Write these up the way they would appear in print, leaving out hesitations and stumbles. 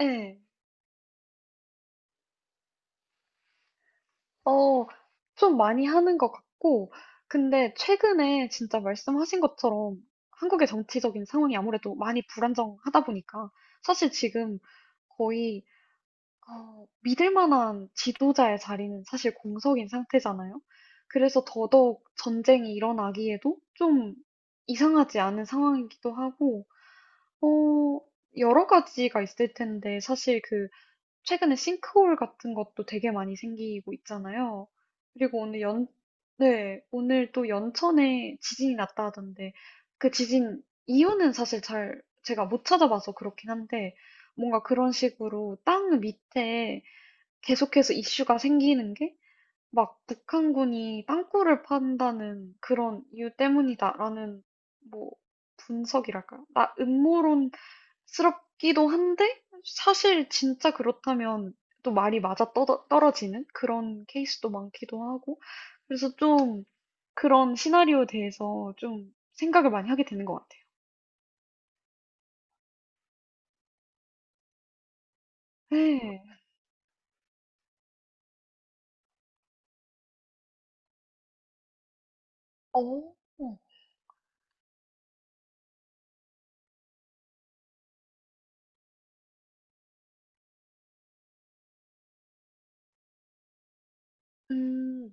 예. 어 좀 많이 하는 것 같고. 근데 최근에 진짜 말씀하신 것처럼 한국의 정치적인 상황이 아무래도 많이 불안정하다 보니까 사실 지금 거의 믿을 만한 지도자의 자리는 사실 공석인 상태잖아요. 그래서 더더욱 전쟁이 일어나기에도 좀 이상하지 않은 상황이기도 하고, 어 여러 가지가 있을 텐데, 사실 그 최근에 싱크홀 같은 것도 되게 많이 생기고 있잖아요. 그리고 네, 오늘 또 연천에 지진이 났다 하던데, 그 지진 이유는 사실 잘 제가 못 찾아봐서 그렇긴 한데, 뭔가 그런 식으로 땅 밑에 계속해서 이슈가 생기는 게, 막 북한군이 땅굴을 판다는 그런 이유 때문이다라는, 뭐, 분석이랄까요? 나 음모론 스럽기도 한데, 사실 진짜 그렇다면 또 말이 맞아 떨어지는 그런 케이스도 많기도 하고. 그래서 좀 그런 시나리오에 대해서 좀 생각을 많이 하게 되는 것 같아요. 네. 어, 음,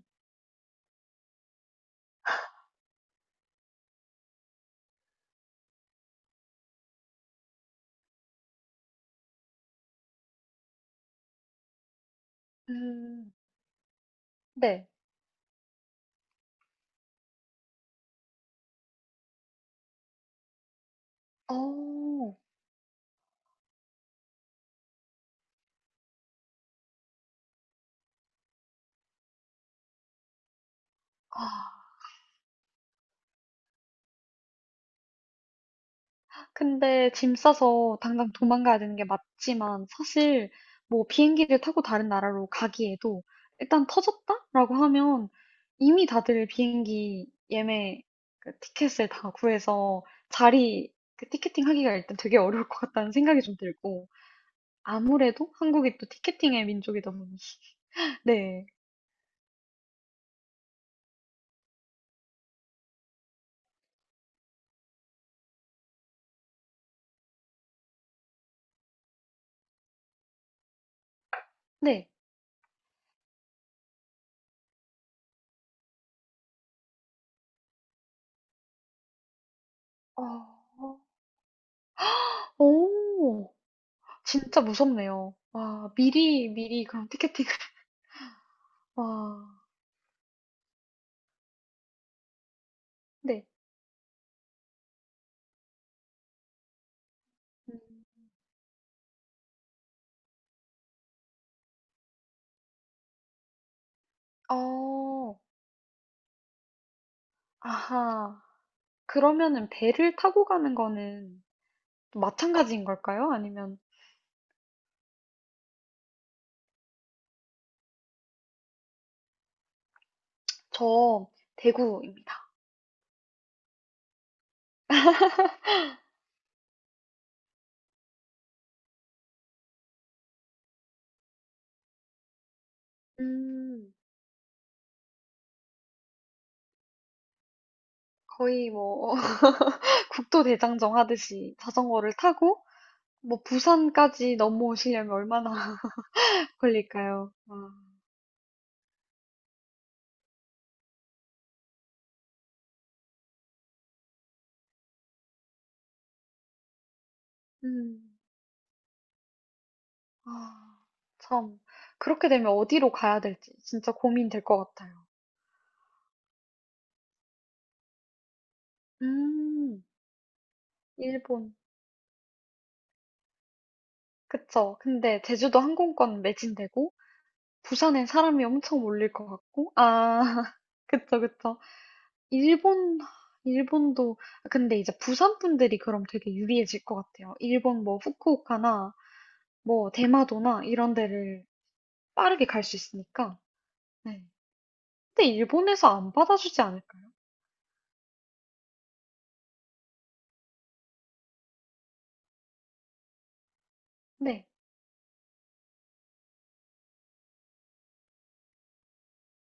음, 네. 어, 아, 근데 짐 싸서 당장 도망가야 되는 게 맞지만, 사실 뭐 비행기를 타고 다른 나라로 가기에도, 일단 터졌다라고 하면 이미 다들 비행기 예매, 그 티켓을 다 구해서 자리, 그 티켓팅 하기가 일단 되게 어려울 것 같다는 생각이 좀 들고. 아무래도 한국이 또 티켓팅의 민족이다 보니. 네. 네. 어, 오, 진짜 무섭네요. 와, 미리 그런 티켓팅. 와, 네. 음. 어. 아하. 그러면은 배를 타고 가는 거는 또 마찬가지인 걸까요? 아니면. 저 대구입니다. 음. 거의 뭐, 국도대장정 하듯이 자전거를 타고 뭐 부산까지 넘어오시려면 얼마나 걸릴까요? 와. 음. 아. 참. 그렇게 되면 어디로 가야 될지 진짜 고민될 것 같아요. 음. 일본. 그쵸. 근데 제주도 항공권 매진되고 부산에 사람이 엄청 몰릴 것 같고. 아. 그쵸, 그쵸. 일본, 일본도. 아 근데 이제 부산 분들이 그럼 되게 유리해질 것 같아요. 일본 뭐 후쿠오카나 뭐 대마도나 이런 데를 빠르게 갈 수 있으니까. 네. 근데 일본에서 안 받아주지 않을까요? 네.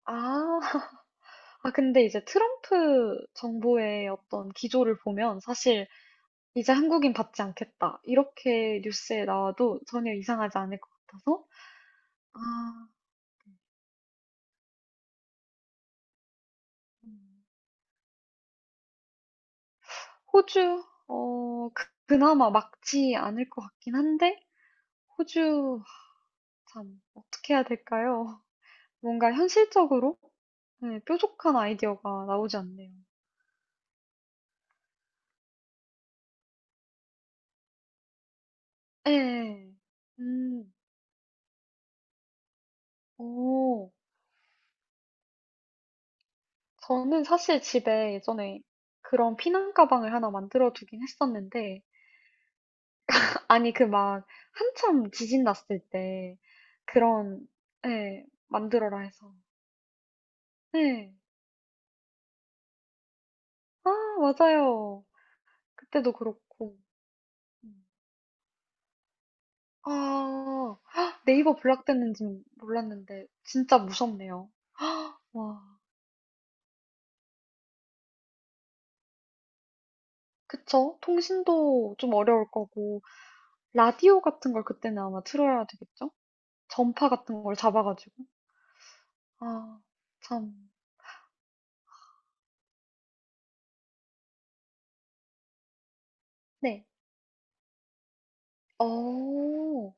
아. 아 근데 이제 트럼프 정부의 어떤 기조를 보면 사실 '이제 한국인 받지 않겠다.' 이렇게 뉴스에 나와도 전혀 이상하지 않을 것 같아서. 아 네. 음. 호주, 어, 그나마 막지 않을 것 같긴 한데, 호주, 참, 어떻게 해야 될까요? 뭔가 현실적으로 네, 뾰족한 아이디어가 나오지 않네요. 네. 음, 오. 저는 사실 집에 예전에 그런 피난 가방을 하나 만들어 두긴 했었는데, 아니, 그 막, 한참 지진 났을 때, 그런, 예, 만들어라 해서. 네. 아, 맞아요. 그때도 그렇고. 음. 아, 헉, 네이버 블락됐는지 몰랐는데 진짜 무섭네요. 와, 그쵸? 통신도 좀 어려울 거고 라디오 같은 걸 그때는 아마 틀어야 되겠죠? 전파 같은 걸 잡아가지고. 아, 참. 네. 어,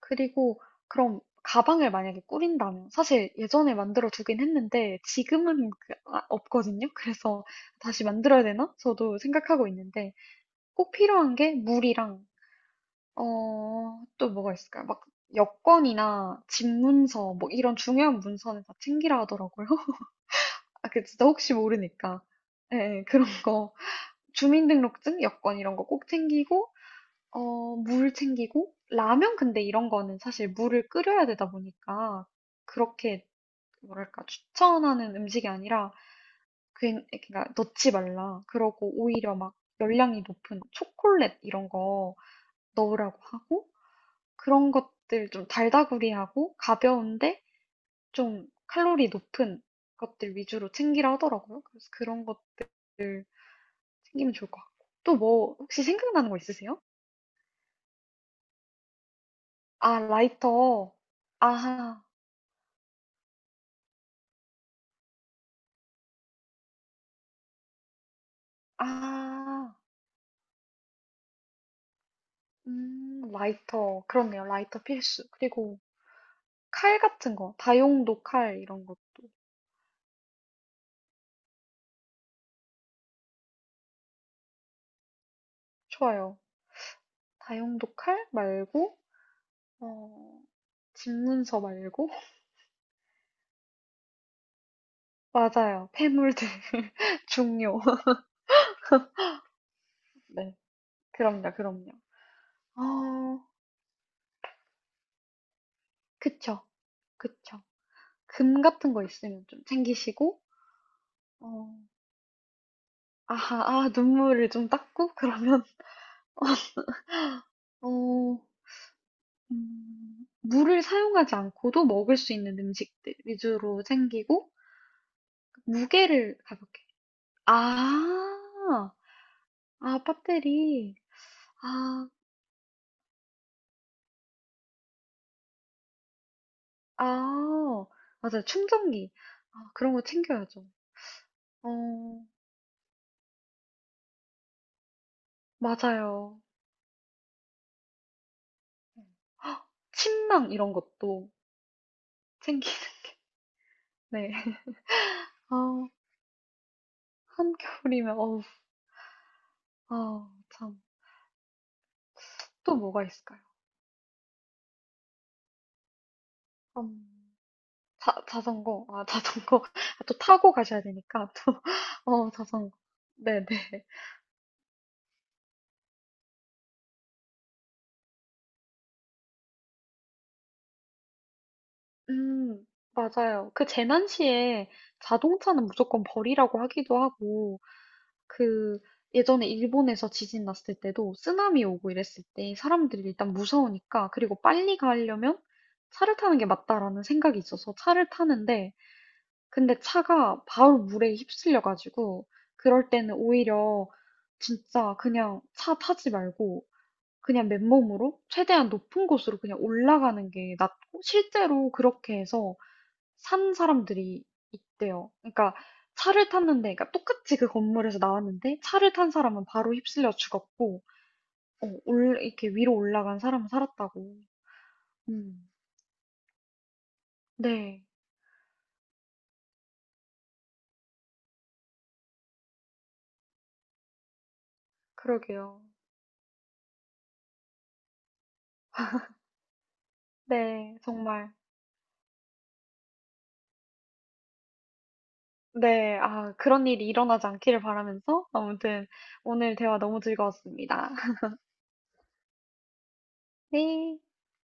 그리고 그럼 가방을 만약에 꾸린다면 사실 예전에 만들어 두긴 했는데 지금은 아, 없거든요. 그래서 다시 만들어야 되나? 저도 생각하고 있는데 꼭 필요한 게 물이랑, 어, 또 뭐가 있을까요? 막 여권이나 집 문서, 뭐 이런 중요한 문서는 다 챙기라 하더라고요. 아, 그 진짜 혹시 모르니까. 예, 예, 그런 거. 주민등록증, 여권 이런 거 꼭 챙기고, 어, 물 챙기고, 라면 근데 이런 거는 사실 물을 끓여야 되다 보니까 그렇게 뭐랄까 추천하는 음식이 아니라 그냥 그러니까 넣지 말라. 그러고 오히려 막 열량이 높은 초콜릿 이런 거 넣으라고 하고, 그런 것들 좀 달다구리하고 가벼운데 좀 칼로리 높은 것들 위주로 챙기라 하더라고요. 그래서 그런 것 챙기면 좋을 것 같고. 또 뭐, 혹시 생각나는 거 있으세요? 아, 라이터. 아하, 아, 라이터. 그렇네요. 라이터 필수. 그리고 칼 같은 거, 다용도 칼 이런 것도 좋아요. 다용도 칼 말고, 어, 집문서 말고. 맞아요. 폐물들 중요. 네, 그럼요, 그럼요. 어, 그쵸, 그쵸. 금 같은 거 있으면 좀 챙기시고, 어, 아하, 아, 눈물을 좀 닦고, 그러면, 어, 물을 사용하지 않고도 먹을 수 있는 음식들 위주로 챙기고, 무게를 가볍게. 아, 아, 배터리. 아, 아, 맞아요. 충전기. 아, 그런 거 챙겨야죠. 어, 맞아요. 네. 헉, 침낭 이런 것도 챙기는, 네. 아, 한겨울이면 어우 아 참. 또 뭐가 있을까요? 음. 자 자전거. 아 자전거. 또 타고 가셔야 되니까 또. 어 자전거. 네네. 음 맞아요. 그 재난 시에 자동차는 무조건 버리라고 하기도 하고, 그 예전에 일본에서 지진 났을 때도 쓰나미 오고 이랬을 때, 사람들이 일단 무서우니까 그리고 빨리 가려면 차를 타는 게 맞다라는 생각이 있어서 차를 타는데, 근데 차가 바로 물에 휩쓸려가지고, 그럴 때는 오히려 진짜 그냥 차 타지 말고 그냥 맨몸으로 최대한 높은 곳으로 그냥 올라가는 게 낫고, 실제로 그렇게 해서 산 사람들이 있대요. 그러니까 차를 탔는데, 그러니까 똑같이 그 건물에서 나왔는데 차를 탄 사람은 바로 휩쓸려 죽었고, 어, 올, 이렇게 위로 올라간 사람은 살았다고. 음. 네, 그러게요. 네, 정말. 네. 아 그런 일이 일어나지 않기를 바라면서, 아무튼 오늘 대화 너무 즐거웠습니다. 네.